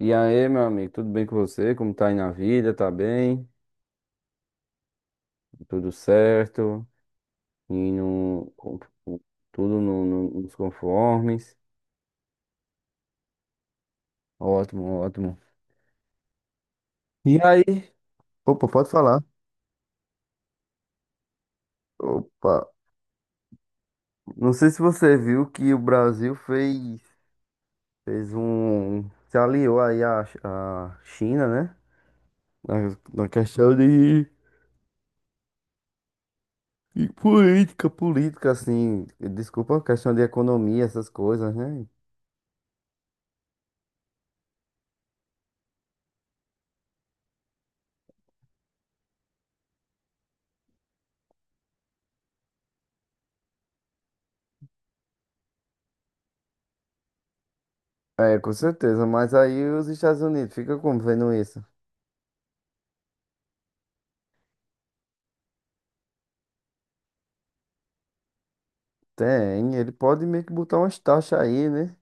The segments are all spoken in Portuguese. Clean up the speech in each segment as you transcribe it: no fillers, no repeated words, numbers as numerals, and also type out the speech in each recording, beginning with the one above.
E aí, meu amigo, tudo bem com você? Como tá aí na vida? Tá bem? Tudo certo? E no, com- com- tudo nos conformes? Ótimo, ótimo. E aí. Opa, pode falar. Opa, não sei se você viu que o Brasil se aliou aí à, à China, né? Na, na questão de política, política, assim, desculpa, questão de economia, essas coisas, né? É, com certeza, mas aí os Estados Unidos fica como vendo isso? Tem, ele pode meio que botar umas taxas aí, né?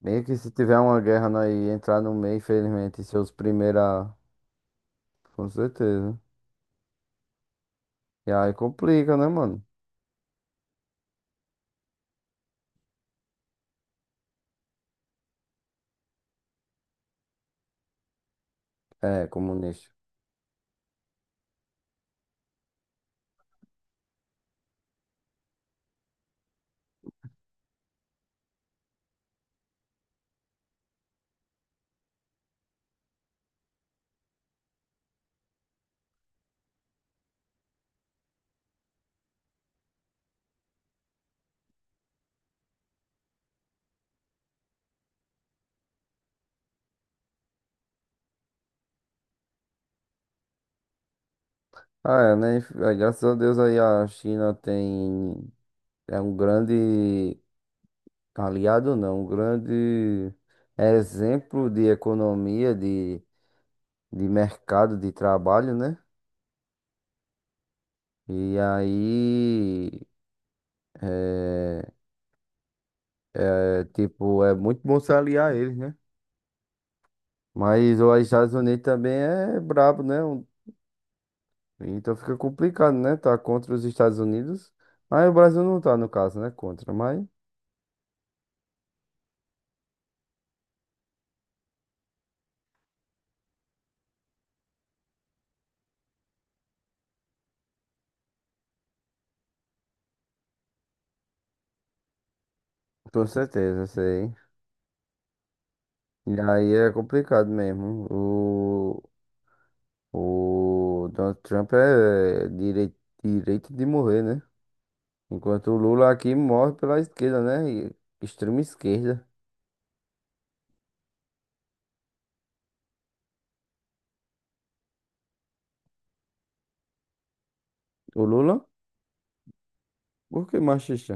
Meio que se tiver uma guerra nós entrar no meio, infelizmente, e ser os primeiros a... Com certeza. E aí complica, né, mano? É, comunista. Ah, é, né? Aí, graças a Deus aí a China tem... É um grande aliado, não, um grande exemplo de economia, de mercado, de trabalho, né? E aí. É, é, tipo, é muito bom se aliar a eles, né? Mas os Estados Unidos também é brabo, né? Então fica complicado, né? Tá contra os Estados Unidos. Mas o Brasil não tá, no caso, né? Contra, mas com certeza, sei. E aí é complicado mesmo. O Donald Trump é direito, direito de morrer, né? Enquanto o Lula aqui morre pela esquerda, né? Extrema esquerda. O Lula? Por que machista?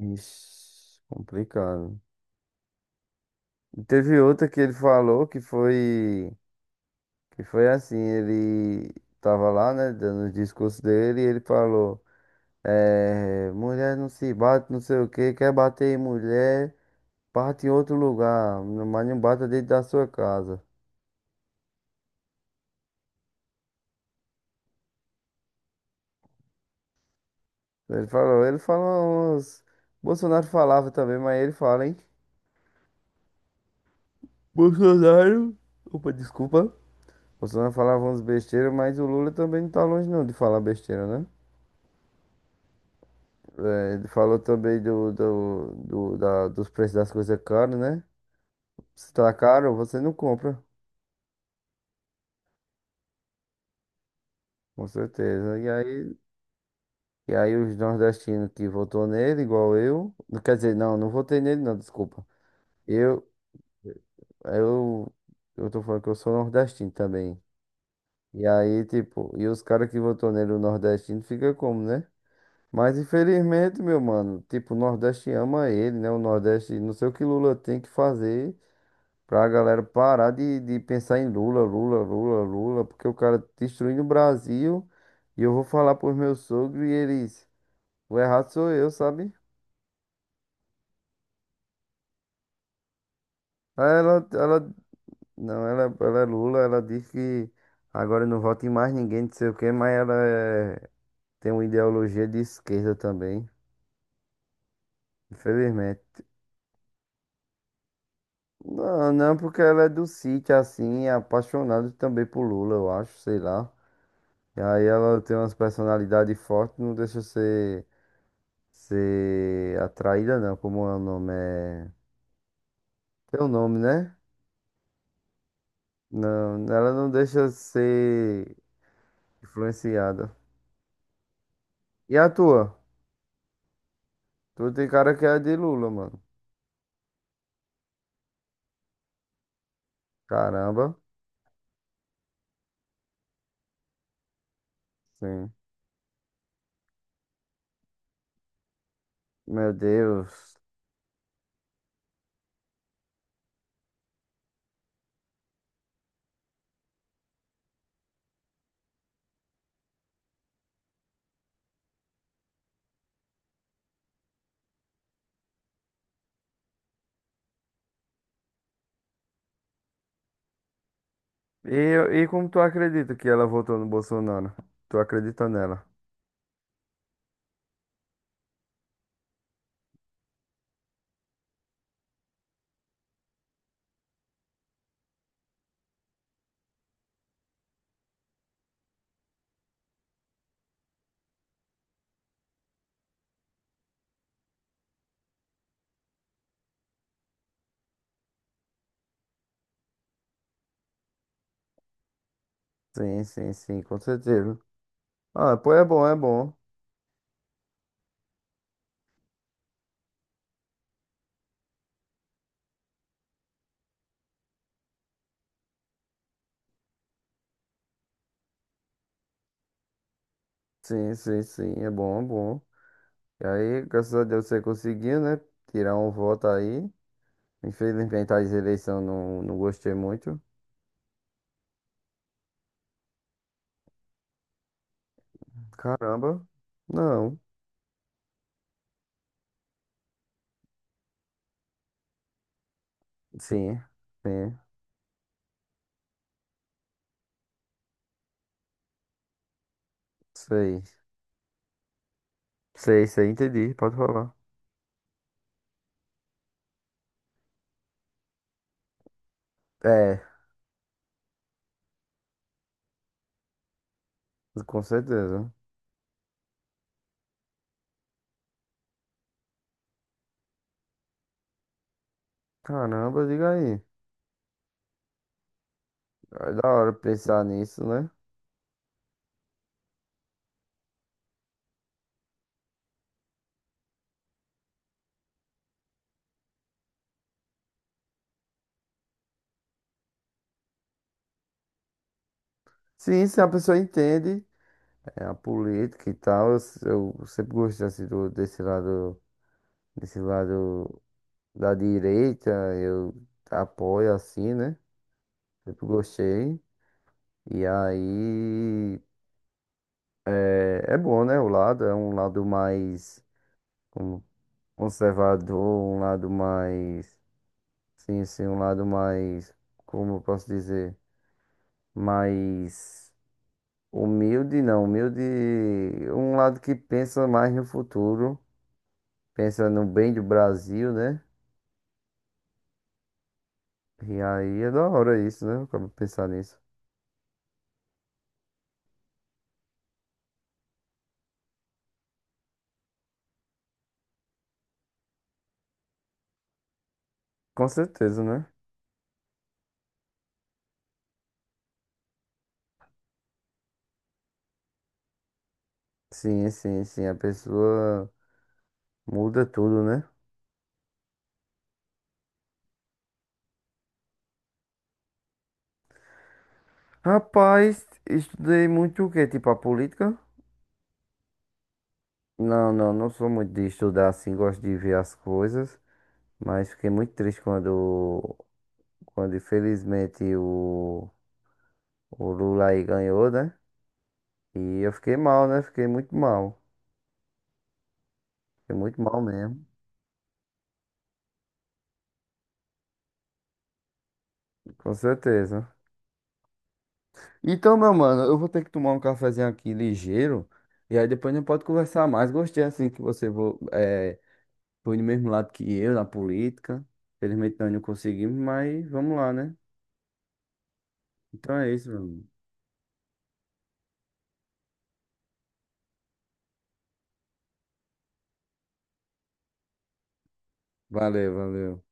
Ixi, complicado. E teve outra que ele falou que foi assim, ele tava lá, né, dando o discurso dele e ele falou, é, mulher não se bate, não sei o que quer bater em mulher, bate em outro lugar, mas não bata dentro da sua casa. Ele falou, Bolsonaro falava também, mas ele fala, hein? Bolsonaro, opa, desculpa. Bolsonaro falava uns besteiras, mas o Lula também não tá longe não de falar besteira, né? É, ele falou também dos preços das coisas caras, né? Se tá caro, você não compra, com certeza. E aí, os nordestinos que votou nele, igual eu. Não, quer dizer, não, não votei nele, não, desculpa. Eu, eu, eu tô falando que eu sou nordestino também. E aí, tipo, e os caras que votou nele, o nordestino, fica como, né? Mas infelizmente, meu mano, tipo, o Nordeste ama ele, né? O Nordeste, não sei o que Lula tem que fazer. Pra galera parar de pensar em Lula, Lula, Lula, Lula, porque o cara tá destruindo o Brasil e eu vou falar pros meus sogros e eles, o errado sou eu, sabe? Aí não, ela é Lula, ela diz que agora não vota em mais ninguém, não sei o quê, mas tem uma ideologia de esquerda também, infelizmente. Não, não, porque ela é do sítio, assim, é apaixonada também por Lula, eu acho, sei lá. E aí ela tem umas personalidades fortes, não deixa ser atraída não, como é o nome? É teu nome, né? Não, ela não deixa ser influenciada. E a tua? Tu tem cara que é de Lula, mano. Caramba. Sim. Meu Deus. E como tu acredita que ela votou no Bolsonaro? Tu acredita nela? Sim, sim, sim, com certeza. Ah, pô, é bom, é bom. Sim, sim, sim, é bom, é bom. E aí, graças a Deus você conseguiu, né? Tirar um voto aí. Infelizmente, as eleições não gostei muito. Caramba. Não. Sim. Sim. Sei. Sei, sei, entendi. Pode falar. É, com certeza. Caramba, diga aí. É da hora pensar nisso, né? Sim, se a pessoa entende é, a política e tal, eu sempre gostei assim, desse lado da direita, eu apoio assim, né? Sempre gostei. E aí. É, é bom, né? O lado é um lado mais como conservador, um lado mais. Sim, sim, um lado mais. Como eu posso dizer? Mais humilde, não. Humilde. Um lado que pensa mais no futuro, pensa no bem do Brasil, né? E aí é da hora isso, né? Eu acabo de pensar nisso. Com certeza, né? Sim, sim, sim. A pessoa muda tudo, né? Rapaz, estudei muito o quê? Tipo a política? Não, não, não sou muito de estudar assim, gosto de ver as coisas, mas fiquei muito triste quando infelizmente o Lula aí ganhou, né? E eu fiquei mal, né? Fiquei muito mal. Fiquei muito mal mesmo, com certeza. Então, meu mano, eu vou ter que tomar um cafezinho aqui ligeiro, e aí depois a gente pode conversar mais. Gostei assim que você foi do mesmo lado que eu na política. Felizmente nós não conseguimos, mas vamos lá, né? Então é isso, meu mano. Valeu, valeu.